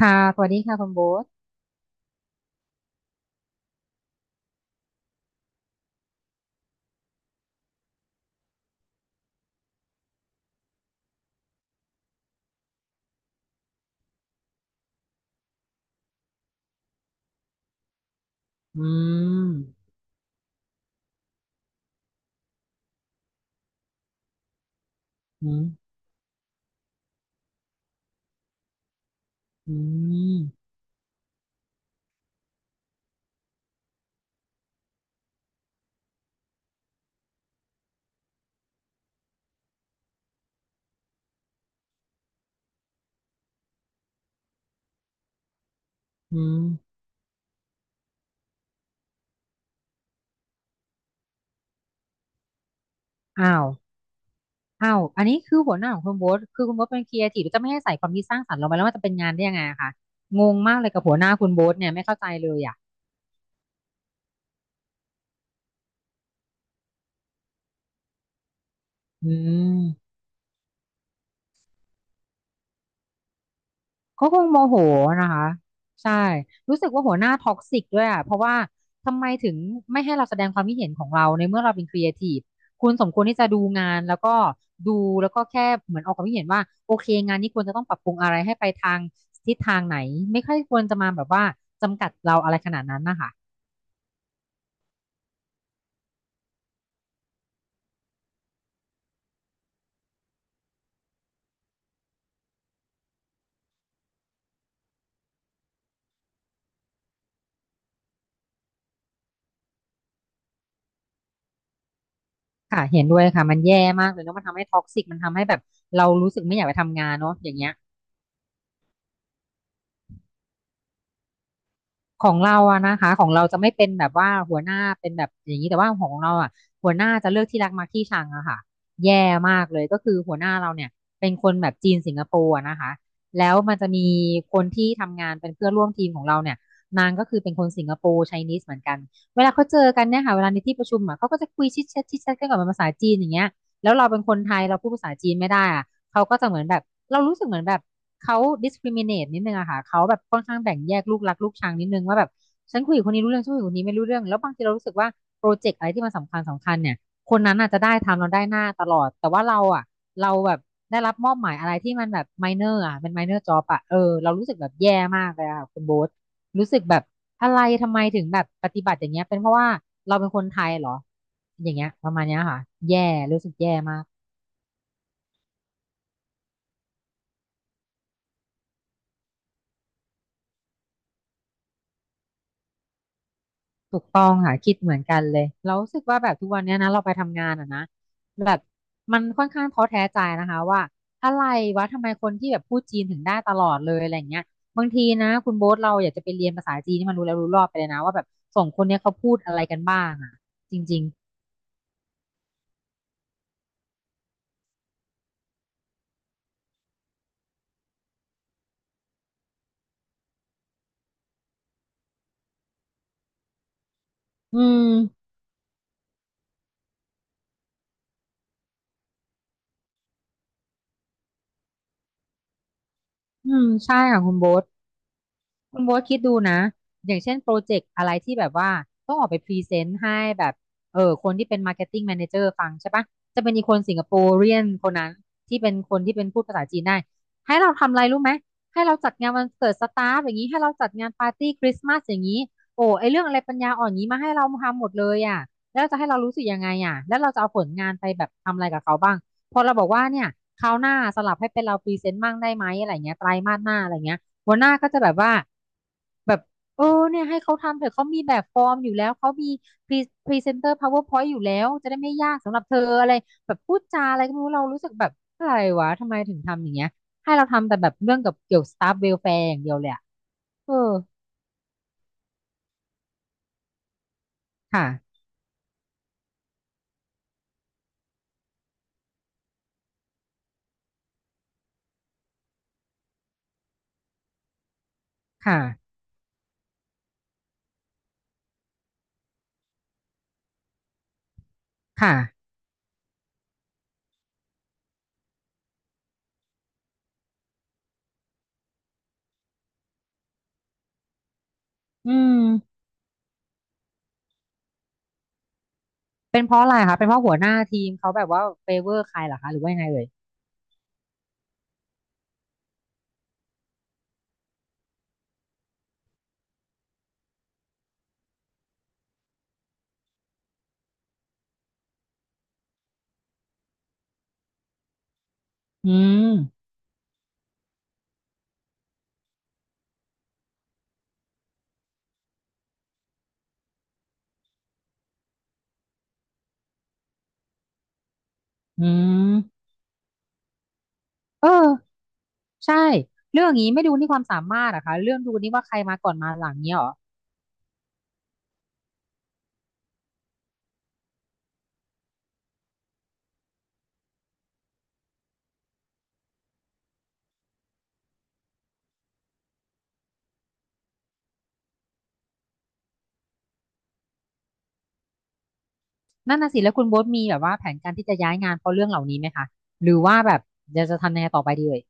ค่ะสวัสดีค่ะคุณโบ๊ทอืมอืมอืมอืมอ้าวอ้าวอันนี้คือหัวหน้าของคุณโบ๊ทคือคุณโบ๊ทเป็นครีเอทีฟจะไม่ให้ใส่ความคิดสร้างสรรค์ลงไปแล้วมันจะเป็นงานได้ยังไงอะคะงงมากเลยกับหัวหน้าคุณโบ๊ทเนี่ยไม่เข้าใจเลยอ่ะอืม เขาคงโมโหนะคะใช่รู้สึกว่าหัวหน้าท็อกซิกด้วยอ่ะเพราะว่าทำไมถึงไม่ให้เราแสดงความคิดเห็นของเราในเมื่อเราเป็นครีเอทีฟคุณสมควรที่จะดูงานแล้วก็ดูแล้วก็แค่เหมือนออกความคิดเห็นว่าโอเคงานนี้ควรจะต้องปรับปรุงอะไรให้ไปทางทิศทางไหนไม่ค่อยควรจะมาแบบว่าจำกัดเราอะไรขนาดนั้นนะคะค่ะเห็นด้วยค่ะมันแย่มากเลยเนาะมันทำให้ท็อกซิกมันทำให้แบบเรารู้สึกไม่อยากไปทำงานเนาะอย่างเงี้ย ของเราอะนะคะของเราจะไม่เป็นแบบว่าหัวหน้าเป็นแบบอย่างนี้แต่ว่าของเราอะหัวหน้าจะเลือกที่รักมักที่ชังอะค่ะแย่มากเลยก็คือหัวหน้าเราเนี่ยเป็นคนแบบจีนสิงคโปร์อะนะคะแล้วมันจะมีคนที่ทำงานเป็นเพื่อนร่วมทีมของเราเนี่ยนางก็คือเป็นคนสิงคโปร์ไชนีสเหมือนกันเวลาเขาเจอกันเนี่ยค่ะเวลาในที่ประชุมอะเขาก็จะคุยชิดแชทชิดแชทกันก่อนเป็นภาษาจีนอย่างเงี้ย แล้วเราเป็นคนไทยเราพูดภาษาจีนไม่ได้อะเขาก็จะเหมือนแบบเรารู้สึกเหมือนแบบเขา discriminate นิดนึงอะค่ะเขาแบบค่อนข้างแบ่งแยกลูกรักลูกชังนิดนึงว่าแบบฉันคุยกับคนนี้รู้เรื่องฉันคุยกับคนนี้ไม่รู้เรื่องแล้วบางทีเรารู้สึกว่าโปรเจกต์อะไรที่มันสำคัญสำคัญเนี่ยคนนั้นอาจจะได้ทำเราได้หน้าตลอดแต่ว่าเราอะเราแบบได้รับมอบหมายอะไรที่มันแบบ minor อะเป็น minor job อะเออเรารู้สึกแบบแย่มากเลยอะค่ะคุณโบ๊ทรู้สึกแบบอะไรทำไมถึงแบบปฏิบัติอย่างเงี้ยเป็นเพราะว่าเราเป็นคนไทยเหรอ อย่างเงี้ยประมาณเนี้ยค่ะแย่รู้สึกแย่มากถูกต้องค่ะคิดเหมือนกันเลยเรารู้สึกว่าแบบทุกวันเนี้ยนะเราไปทำงานอ่ะนะแบบมันค่อนข้างท้อแท้ใจนะคะว่าอะไรวะทำไมคนที่แบบพูดจีนถึงได้ตลอดเลยอะไรเงี้ยบางทีนะคุณโบ๊ทเราอยากจะไปเรียนภาษาจีนที่มันรู้แล้วรู้รอบไปเลยนะว่าแบบสองคนเนี้ยเขาพูดอะไรกันบ้างอ่ะจริงๆอืมอืมใช่ค่ะคุณโบ๊ท คุณโบ๊ทคิดดูนะอย่างเช่นโปรเจกต์อะไรที่แบบว่าต้องออกไปพรีเซนต์ให้แบบเออคนที่เป็นมาร์เก็ตติ้งแม e r เจอร์ฟังใช่ปะจะเป็นอีกคนสิงคโปร์เรียนคนนั้นที่เป็นคนที่เป็นพูดภาษาจีนได้ให้เราทำอะไรรู้ไหมให้เราจัดงานวันเกิดสตาฟอย่างนี้ให้เราจัดงานปาร์ตี้คริสต์มาสอย่างนี้โอ้ไอเรื่องอะไรปัญญาอ่อนอย่างนี้มาให้เราทำหมดเลยอ่ะแล้วจะให้เรารู้สึกยังไงอ่ะแล้วเราจะเอาผลงานไปแบบทำอะไรกับเขาบ้างพอเราบอกว่าเนี่ยคราวหน้าสลับให้เป็นเราพรีเซนต์บ้างได้ไหมอะไรเงี้ยไตรมาสหน้าอะไรเงี้ย หัวหน้าก็จะแบบว่าแบบเออเนี่ยให้เขาทำเถอะเขามีแบบฟอร์มอยู่แล้วเขามีพรีพรีเซนเตอร์ PowerPoint อยู่แล้วจะได้ไม่ยากสำหรับเธออะไรแบบพูดจาอะไรก็ไม่รู้เรารู้สึกแบบอะไรวะทำไมถึงทำอย่างเงี้ยให้เราทำแต่แบบเรื่องกับเกี่ยวสตาฟเวลแฟร์อย่างเดียวเลยอะเออค่ะค่ะค่ะอืมเป็นเพราะอะไรคะเป็นเพราะหัวหน้าทีมเขาแบบว่าเฟเวอร์ใครเหรอคะหรือว่ายังไงเอ่ยอืมอืมเออ ใช่เรื่องอย่างนี้ไม่ดูนี่ความสามารถอะคะเรื่องดูนี่ว่าใครมาก่อนมาหลังเนี้ยเหรอนั่นน่ะสิแล้วคุณโบ๊ทมีแบบว่าแผนการที่จะย้ายงานเพราะเรื่องเหล่านี้ไหมคะหรือว่าแบบจะทำยังไงต่อไปดีเอ่ย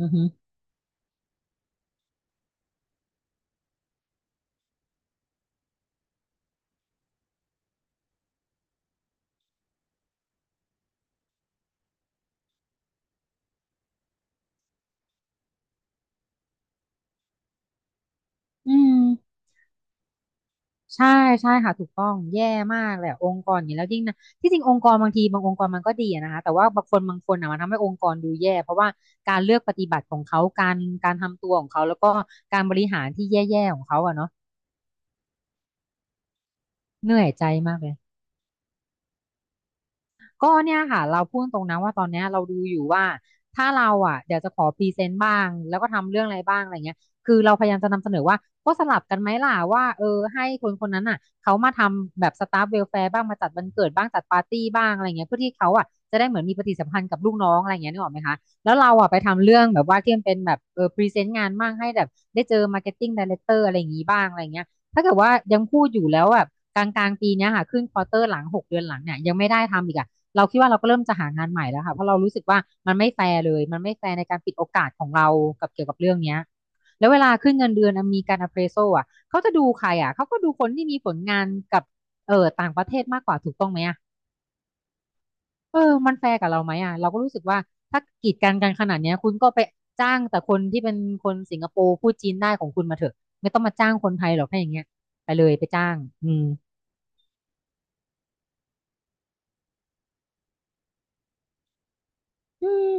อือฮึอืมใช่ใช่ค่ะถูกต้องแย่มากเลยอะองค์กรอย่างนี้แล้วยิ่งนะที่จริงองค์กรบางทีบางองค์กรมันก็ดีอะนะคะแต่ว่าบางคนบางคนอะมันทำให้องค์กรดูแย่เพราะว่าการเลือกปฏิบัติของเขาการทำตัวของเขาแล้วก็การบริหารที่แย่ๆของเขาอะเนาะเหนื่อยใจมากเลย ก็เนี่ยค่ะเราพูดตรงนะว่าตอนเนี้ยเราดูอยู่ว่าถ้าเราอ่ะเดี๋ยวจะขอพรีเซนต์บ้างแล้วก็ทำเรื่องอะไรบ้างอะไรเงี้ยคือเราพยายามจะนำเสนอว่าก็สลับกันไหมล่ะว่าเออให้คนคนนั้นอ่ะเขามาทำแบบสตาฟเวลแฟร์บ้างมาจัดวันเกิดบ้างจัดปาร์ตี้บ้างอะไรเงี้ยเพื่อที่เขาอ่ะจะได้เหมือนมีปฏิสัมพันธ์กับลูกน้องอะไรเงี้ยนึกออกไหมคะแล้วเราอ่ะไปทำเรื่องแบบว่าที่มันเป็นแบบเออพรีเซนต์งานบ้างให้แบบได้เจอมาร์เก็ตติ้งไดเรคเตอร์อะไรอย่างงี้บ้างอะไรเงี้ยถ้าเกิดว่ายังพูดอยู่แล้วแบบกลางปีเนี้ยค่ะขึ้นควอเตอร์หลัง6 เดือนหลังเนี่ยยังไม่ได้ทำอีกอะ เราคิดว่าเราก็เริ่มจะหางานใหม่แล้วค่ะเพราะเรารู้สึกว่ามันไม่แฟร์เลยมันไม่แฟร์ในการปิดโอกาสของเรากับเกี่ยวกับเรื่องเนี้ยแล้วเวลาขึ้นเงินเดือนอ่ะมีการ appraisal อ่ะเขาจะดูใครอ่ะเขาก็ดูคนที่มีผลงานกับเออต่างประเทศมากกว่าถูกต้องไหมอ่ะเออมันแฟร์กับเราไหมอ่ะเราก็รู้สึกว่าถ้ากีดกันกันขนาดเนี้ยคุณก็ไปจ้างแต่คนที่เป็นคนสิงคโปร์พูดจีนได้ของคุณมาเถอะไม่ต้องมาจ้างคนไทยหรอกถ้าอย่างเงี้ยไปเลยไปจ้างอืมอืม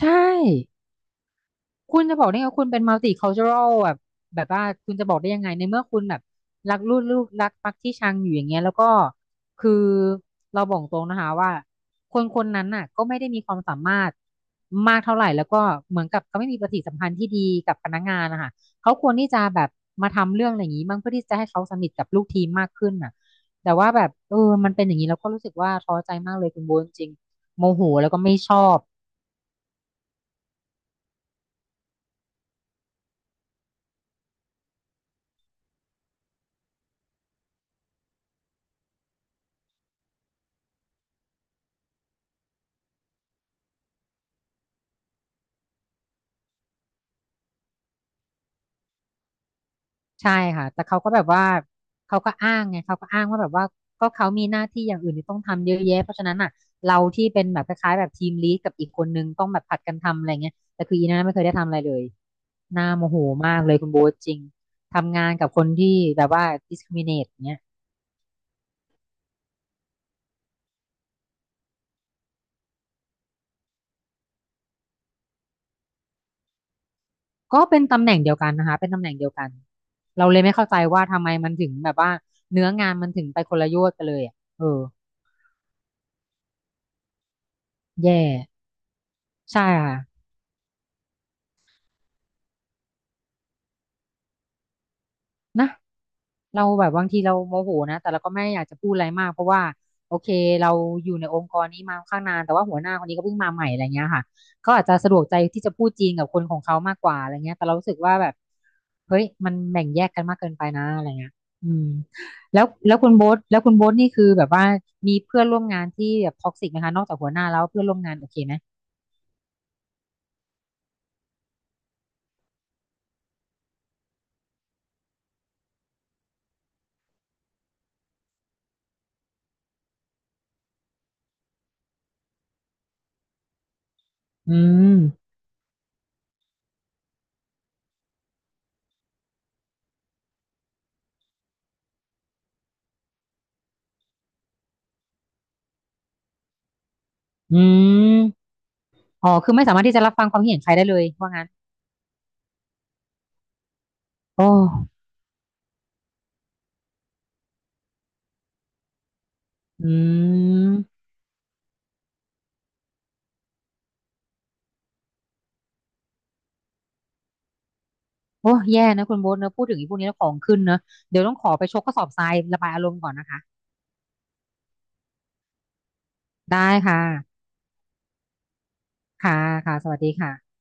ใช่ คุณจะบอกได้ไงว่าคุณเป็น multicultural แบบแบบว่าคุณจะบอกได้ยังไงในเมื่อคุณแบบรักลูกรักปักที่ชังอยู่อย่างเงี้ยแล้วก็คือเราบอกตรงนะคะว่าคนคนนั้นน่ะก็ไม่ได้มีความสามารถมากเท่าไหร่แล้วก็เหมือนกับเขาไม่มีปฏิสัมพันธ์ที่ดีกับพนักงานนะคะเขาควรที่จะแบบมาทำเรื่องอะไรอย่างนี้บ้างเพื่อที่จะให้เขาสนิทกับลูกทีมมากขึ้นน่ะแต่ว่าแบบเออมันเป็นอย่างนี้เราก็รู้สึกว่าท้อใจมากเลยคุณโบนจริงโมโหแล้วก็ไม่ชอบ ใช่ค่ะแต่เขาก็แบบว่าเขาก็อ้างไงเขาก็อ้างว่าแบบว่าก็เขามีหน้าที่อย่างอื่นที่ต้องทำเยอะแยะเพราะฉะนั้นอ่ะเราที่เป็นแบบคล้ายๆแบบทีมลีดกับอีกคนนึงต้องแบบผัดกันทำอะไรเงี้ยแต่คืออีน่าไม่เคยได้ทำอะไรเลยน่าโมโหมากเลยคุณโบ๊ทจริงทำงานกับคนที่แบบว่า discriminate เนี้ยก็เป็นตำแหน่งเดียวกันนะคะเป็นตำแหน่งเดียวกันเราเลยไม่เข้าใจว่าทำไมมันถึงแบบว่าเนื้องานมันถึงไปคนละโยชน์กันเลยอะเออแย่ใช่ค่ะนะ เราแบบบางทีเราโมโหนะแต่เราก็ไม่อยากจะพูดอะไรมากเพราะว่าโอเคเราอยู่ในองค์กรนี้มาค่อนข้างนานแต่ว่าหัวหน้าคนนี้ก็เพิ่งมาใหม่อะไรเงี้ยค่ะเขาอาจจะสะดวกใจที่จะพูดจีนกับคนของเขามากกว่าอะไรเงี้ยแต่เรารู้สึกว่าแบบเฮ้ยมันแบ่งแยกกันมากเกินไปนะอะไรเงี้ยอืมแล้วคุณโบ๊ทแล้วคุณโบ๊ทนี่คือแบบว่ามีเพื่อนร่วมงานที่แบบท็อกซิกไหมคะนอกจากหัวหน้าแล้วเพื่อนร่วมงานโอเคไหมอืมอืมอ๋อคือไม่สามารถที่จะรับฟังความคิดเห็นใครได้เลยว่างั้นโอ้อืม โอ้แย่นะคุณโบ๊ทเนอะพูดถึงไอ้พวกนี้แล้วของขึ้นเนอะเดี๋ยวต้องขอไปชกข้อสอบทรายระบายอารมณ์ก่อนนะคะได้ค่ะค่ะค่ะสวัสดีค่ะ